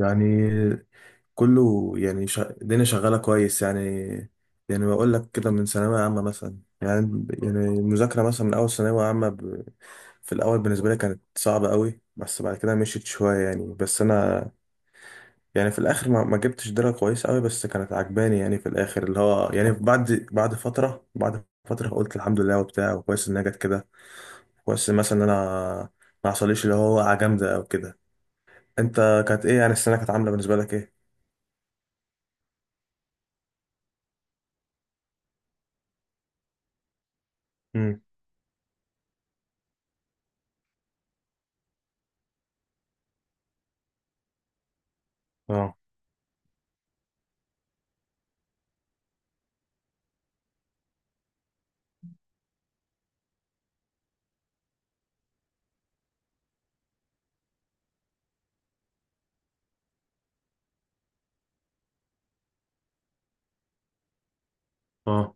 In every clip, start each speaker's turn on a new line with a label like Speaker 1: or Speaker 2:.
Speaker 1: يعني كله يعني الدنيا شغالة كويس يعني بقول لك كده من ثانوية عامة مثلا يعني المذاكرة مثلا من أول ثانوية عامة في الأول بالنسبة لي كانت صعبة قوي، بس بعد كده مشيت شوية يعني. بس أنا يعني في الآخر ما جبتش درجة كويس قوي، بس كانت عجباني يعني في الآخر اللي هو يعني بعد فترة قلت الحمد لله وبتاع، وكويس إنها جت كده. كويس مثلا إن أنا ما حصليش اللي هو وقعة جامدة أو كده. أنت كانت إيه يعني السنة كانت عاملة بالنسبة لك إيه؟ امم. اه،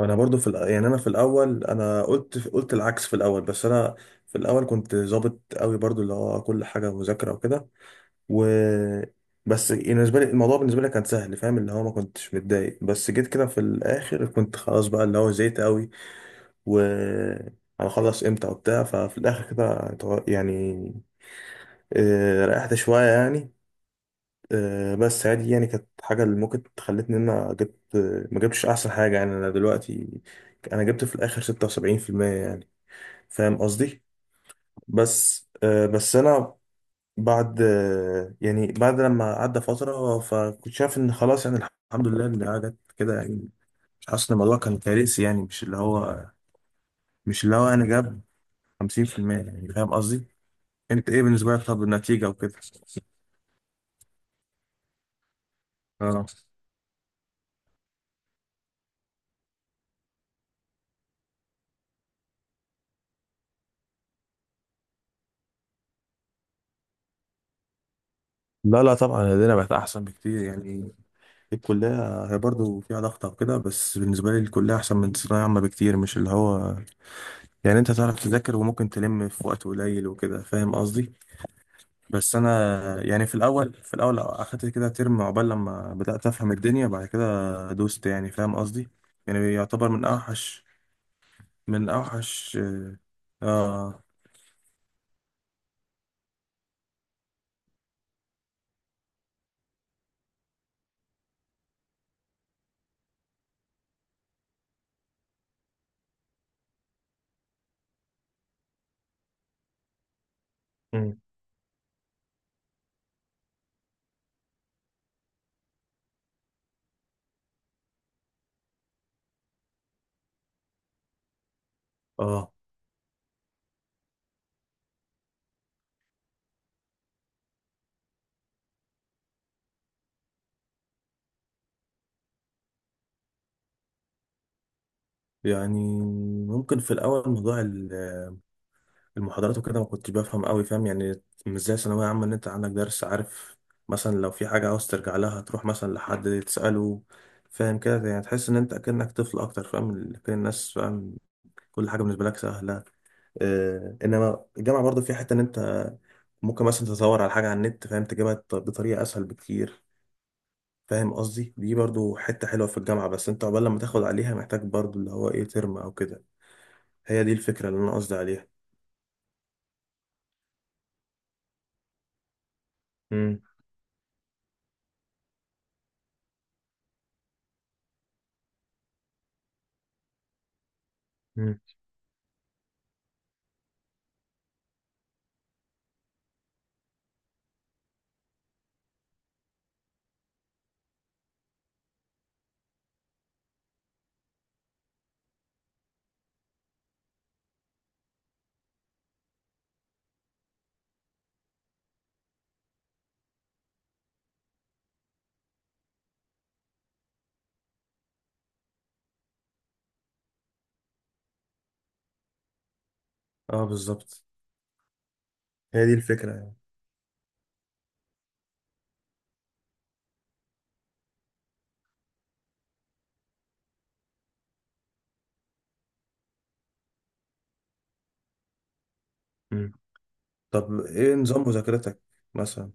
Speaker 1: انا برضو في يعني انا في الاول انا قلت العكس في الاول، بس انا في الاول كنت ظابط قوي برضو اللي هو كل حاجه مذاكره وكده. و بس بالنسبه لي الموضوع بالنسبه لي كان سهل، فاهم اللي هو ما كنتش متضايق، بس جيت كده في الاخر كنت خلاص بقى اللي هو زيت قوي و هنخلص امتى وبتاع. ففي الاخر كده يعني آه، ريحت شويه يعني. آه، بس عادي يعني كانت حاجة اللي ممكن خلتني إن أنا جبت، ما جبتش أحسن حاجة يعني. أنا دلوقتي أنا جبت في الآخر 76% يعني، فاهم قصدي. بس آه، بس أنا بعد آه، يعني بعد لما عدى فترة، فكنت شايف إن خلاص يعني الحمد لله إن قعدت كده يعني. مش حاسس إن الموضوع كان كارثي يعني، مش اللي هو أنا جاب 50% يعني، فاهم قصدي. أنت إيه بالنسبة لك طب النتيجة وكده؟ آه. لا، لا، طبعا لدينا بقت احسن بكتير يعني. الكلية هي برضه فيها ضغط أو كده، بس بالنسبة لي الكلية أحسن من ثانوية عامة بكتير، مش اللي هو يعني أنت تعرف تذاكر وممكن تلم في وقت قليل وكده، فاهم قصدي. بس أنا يعني في الأول أخدت كده ترم عقبال لما بدأت أفهم الدنيا، بعد كده دوست يعني، فاهم قصدي. يعني يعتبر من أوحش آه. آه. مم. آه. يعني ممكن في الأول موضوع المحاضرات وكده ما كنتش بفهم قوي، فاهم يعني مش زي ثانوية عامة ان انت عندك درس عارف، مثلا لو في حاجة عاوز ترجع لها تروح مثلا لحد تسأله. فاهم كده يعني تحس ان انت اكنك طفل اكتر، فاهم كل الناس فاهم، كل حاجة بالنسبة لك سهلة. آه انما الجامعة برضو في حتة ان انت ممكن مثلا تدور على حاجة على النت، فاهم تجيبها بطريقة اسهل بكتير، فاهم قصدي. دي برضو حتة حلوة في الجامعة، بس انت عقبال لما تاخد عليها محتاج برضو اللي هو ايه ترم او كده. هي دي الفكرة اللي انا قصدي عليها. امم. امم. اه، بالظبط، هي دي الفكرة يعني. مم. طب ايه نظام مذاكرتك مثلا؟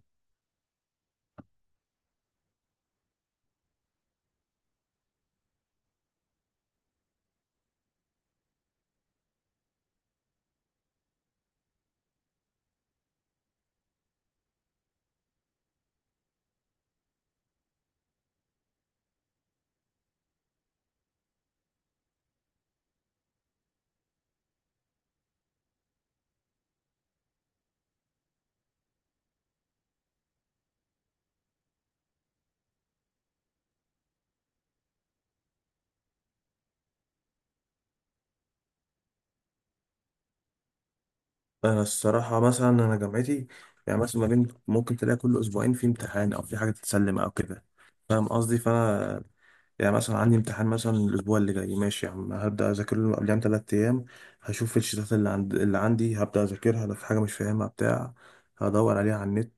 Speaker 1: انا الصراحة مثلا انا جامعتي يعني مثلا ما بين ممكن تلاقي كل اسبوعين في امتحان او في حاجة تتسلم او كده، فاهم قصدي. فانا يعني مثلا عندي امتحان مثلا الاسبوع اللي جاي، ماشي يا عم هبدا اذاكر له قبلها بـ3 ايام، هشوف الشتات اللي عندي، هبدا اذاكرها لو في حاجه مش فاهمها بتاع، هدور عليها على النت،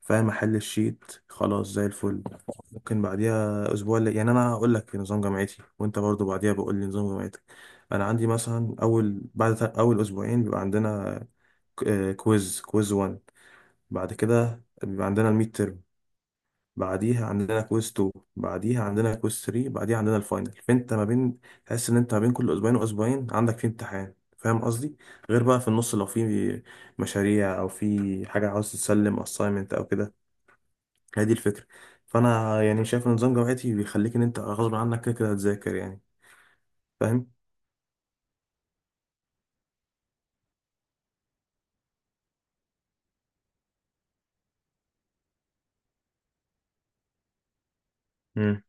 Speaker 1: فاهم احل الشيت خلاص زي الفل. ممكن بعديها اسبوع اللي يعني، انا هقول لك نظام جامعتي وانت برضو بعديها بقول لي نظام جامعتك. انا عندي مثلا اول بعد اول اسبوعين بيبقى عندنا كويز 1، بعد كده بيبقى عندنا الميد ترم، بعديها عندنا كويز 2، بعديها عندنا كويز 3، بعديها عندنا الفاينل. فانت ما بين تحس ان انت ما بين كل اسبوعين واسبوعين عندك في امتحان، فاهم قصدي. غير بقى في النص لو في مشاريع او في حاجه عاوز تسلم اساينمنت او كده. هي دي الفكره. فانا يعني شايف ان نظام جامعتي بيخليك ان انت غصب عنك كده كده هتذاكر يعني، فاهم. امم.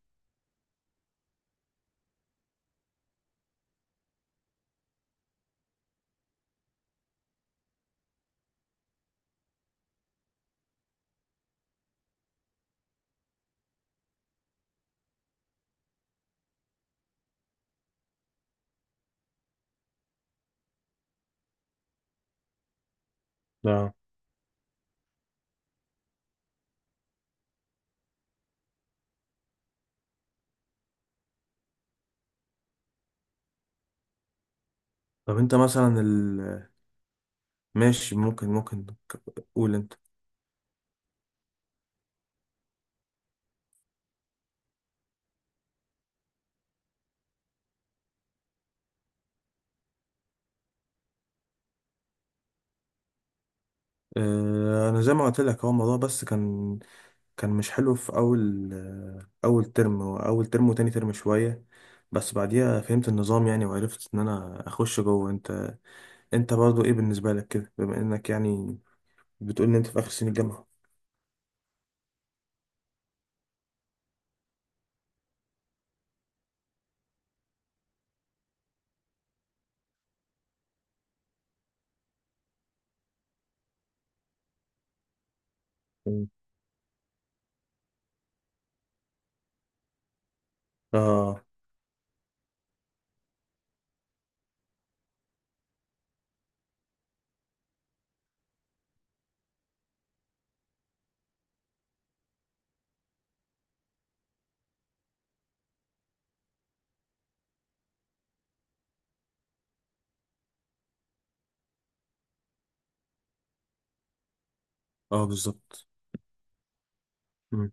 Speaker 1: اه، طب انت مثلا ماشي؟ ممكن قول انت. اه، انا زي ما قلت لك هو الموضوع بس كان مش حلو في أول ترم وتاني ترم شوية، بس بعديها فهمت النظام يعني، وعرفت إن أنا أخش جوه. أنت برضه إيه بالنسبة لك كده بما إنك يعني بتقول إن أنت في آخر سنة الجامعة؟ مم. آه آه، بالظبط. مم.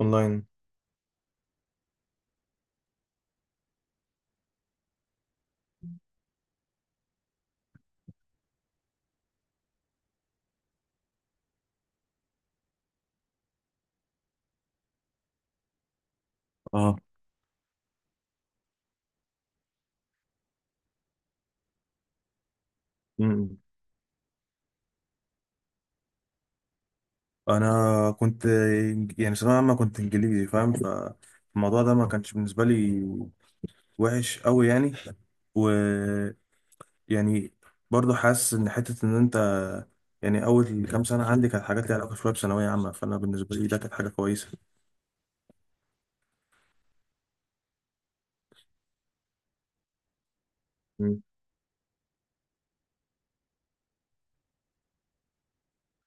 Speaker 1: أونلاين. آه. مم. أنا كنت يعني ثانوية عامة كنت إنجليزي، فاهم فالموضوع ده ما كانش بالنسبة لي وحش أوي يعني. يعني برضه حاسس ان حته ان انت يعني اول كام سنه عندي كانت حاجات ليها علاقه شويه بثانويه عامه، فانا بالنسبه لي ده كانت حاجه كويسه. مم.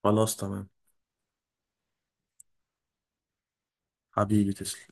Speaker 1: خلاص، تمام. حبيبي تسلم.